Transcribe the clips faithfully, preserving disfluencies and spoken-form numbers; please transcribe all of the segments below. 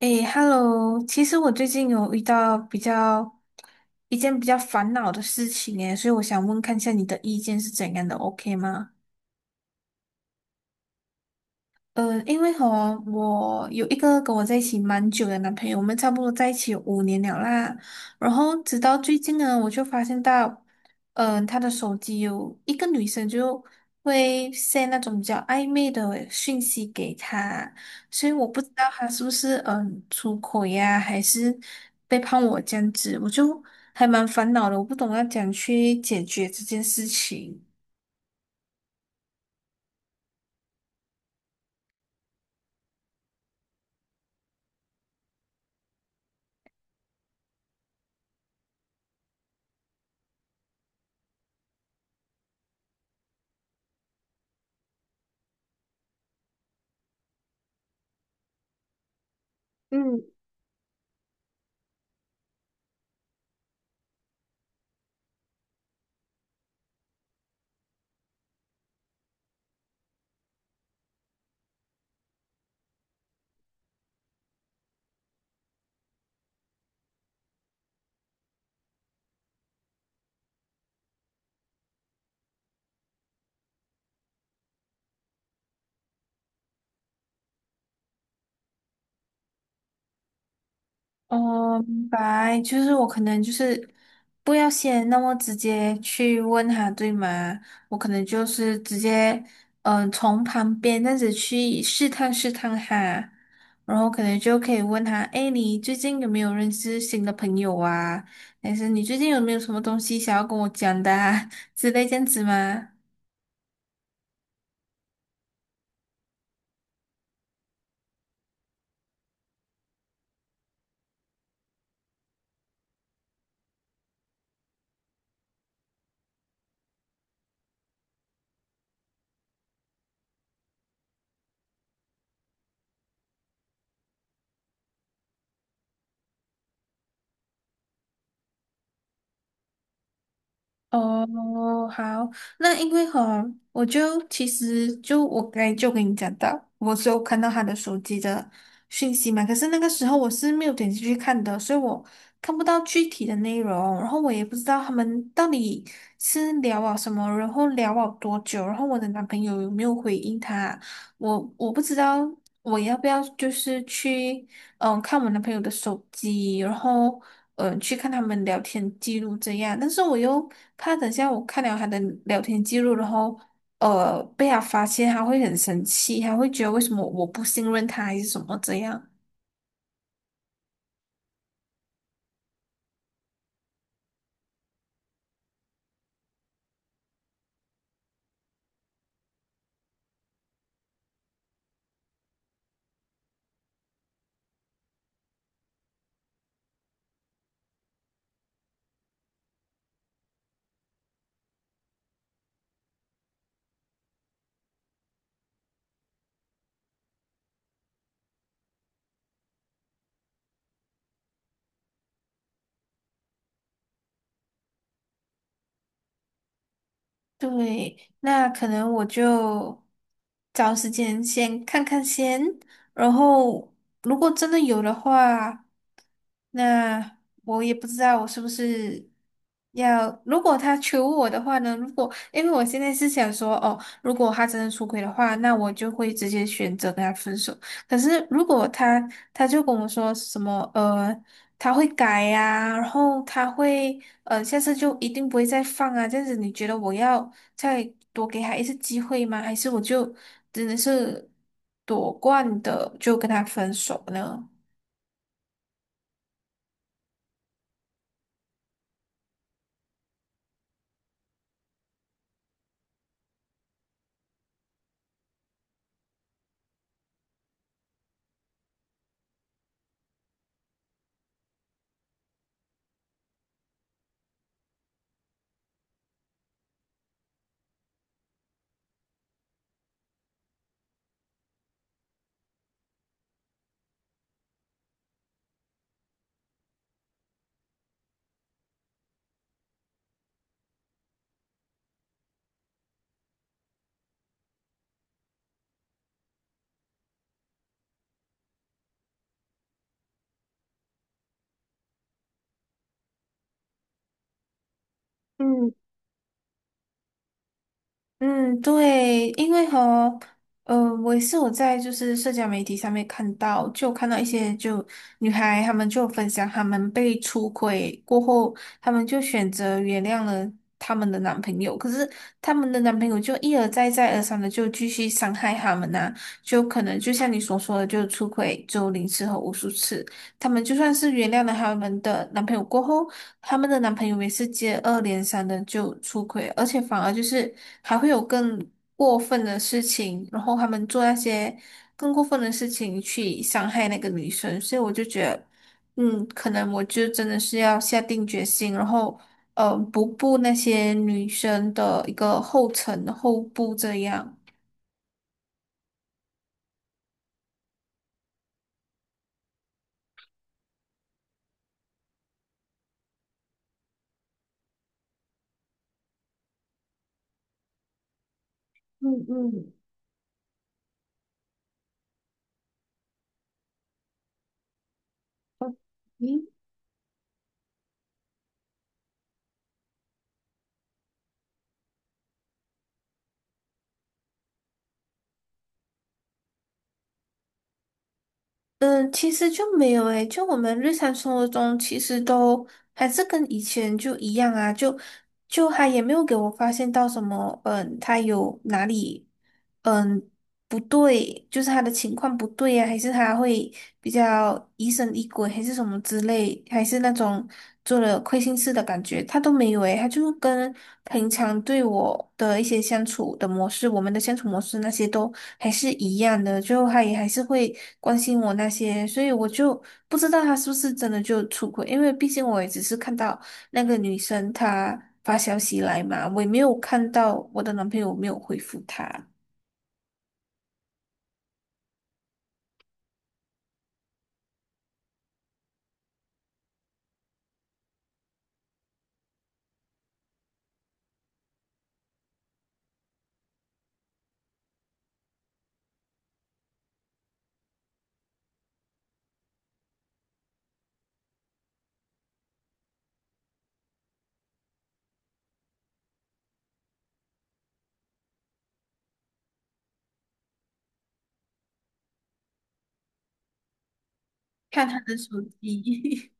诶，Hello，其实我最近有遇到比较一件比较烦恼的事情诶，所以我想问看一下你的意见是怎样的，OK 吗？嗯，因为和我有一个跟我在一起蛮久的男朋友，我们差不多在一起有五年了啦。然后直到最近呢，我就发现到，嗯、他的手机有一个女生就会 send 那种比较暧昧的讯息给他，所以我不知道他是不是嗯、出轨呀、还是背叛我这样子，我就还蛮烦恼的，我不懂要怎样去解决这件事情。嗯。哦，明白，就是我可能就是不要先那么直接去问他，对吗？我可能就是直接，嗯、从旁边这样子去试探试探他，然后可能就可以问他，哎，你最近有没有认识新的朋友啊？还是你最近有没有什么东西想要跟我讲的啊？之类这样子吗？哦，好，那因为哈，我就其实就我刚才就跟你讲到，我是有看到他的手机的讯息嘛，可是那个时候我是没有点进去看的，所以我看不到具体的内容，然后我也不知道他们到底是聊了什么，然后聊了多久，然后我的男朋友有没有回应他，我我不知道我要不要就是去。嗯，看我男朋友的手机，然后嗯，去看他们聊天记录这样。但是我又怕等下我看了他的聊天记录，然后呃被他发现，他会很生气，他会觉得为什么我不信任他还是什么这样。对，那可能我就找时间先看看先，然后如果真的有的话，那我也不知道我是不是要，如果他求我的话呢，如果因为我现在是想说，哦，如果他真的出轨的话，那我就会直接选择跟他分手。可是如果他他就跟我说什么呃，他会改呀、然后他会呃，下次就一定不会再放啊，这样子你觉得我要再多给他一次机会吗？还是我就真的是夺冠的就跟他分手呢？嗯，嗯，对，因为和呃，我也是有在就是社交媒体上面看到，就看到一些就女孩她们就分享她们被出轨过后，她们就选择原谅了她们的男朋友，可是她们的男朋友就一而再再而三的就继续伤害她们呐、就可能就像你所说的，就出轨就零次和无数次，她们就算是原谅了她们的男朋友过后。他们的男朋友每次接二连三的就出轨，而且反而就是还会有更过分的事情，然后他们做那些更过分的事情去伤害那个女生，所以我就觉得，嗯，可能我就真的是要下定决心，然后呃，不步那些女生的一个后尘后步这样。嗯嗯，嗯，嗯，其实就没有诶，就我们日常生活中其实都还是跟以前就一样啊，就就他也没有给我发现到什么，嗯，他有哪里。嗯。不对，就是他的情况不对呀、还是他会比较疑神疑鬼，还是什么之类，还是那种做了亏心事的感觉，他都没有诶，他就跟平常对我的一些相处的模式，我们的相处模式那些都还是一样的，就他也还是会关心我那些，所以我就不知道他是不是真的就出轨，因为毕竟我也只是看到那个女生她发消息来嘛，我也没有看到我的男朋友没有回复她。看他的手机。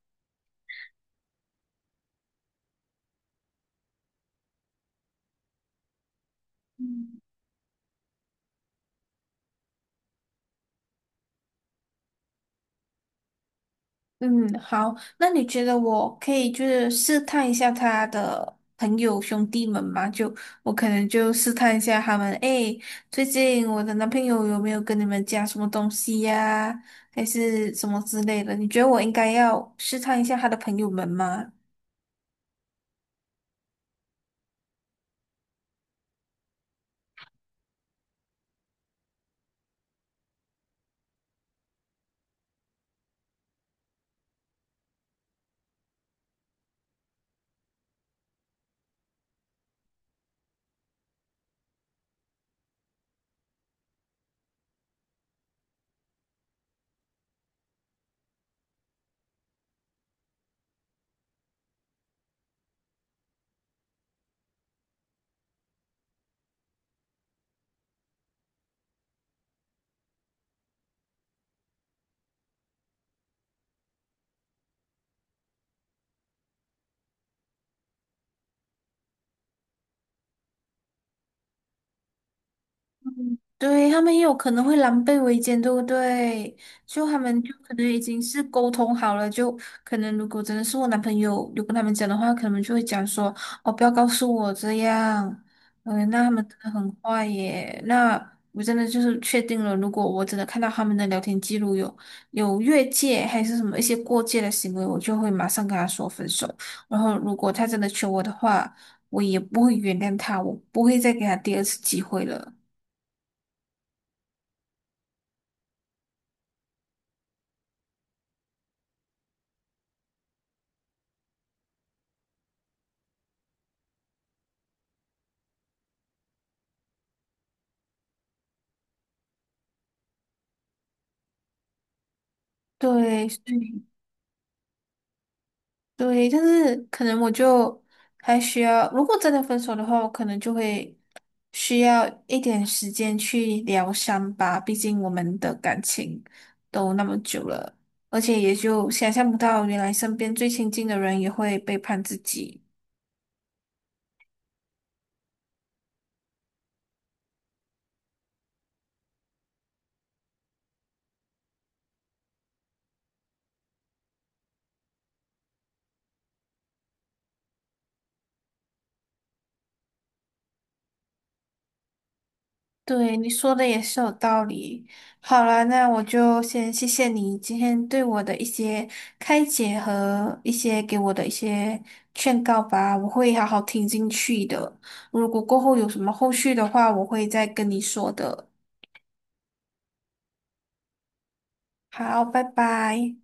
嗯，嗯好，那你觉得我可以就是试探一下他的朋友兄弟们吗？就我可能就试探一下他们，诶，最近我的男朋友有没有跟你们讲什么东西呀、还是什么之类的？你觉得我应该要试探一下他的朋友们吗？对，他们也有可能会狼狈为奸，对不对？就他们就可能已经是沟通好了，就可能如果真的是我男朋友有跟他们讲的话，可能就会讲说哦，不要告诉我这样。嗯，那他们真的很坏耶。那我真的就是确定了，如果我真的看到他们的聊天记录有有越界还是什么一些过界的行为，我就会马上跟他说分手。然后如果他真的求我的话，我也不会原谅他，我不会再给他第二次机会了。对，所以对，但是可能我就还需要，如果真的分手的话，我可能就会需要一点时间去疗伤吧。毕竟我们的感情都那么久了，而且也就想象不到，原来身边最亲近的人也会背叛自己。对，你说的也是有道理。好了，那我就先谢谢你今天对我的一些开解和一些给我的一些劝告吧，我会好好听进去的。如果过后有什么后续的话，我会再跟你说的。好，拜拜。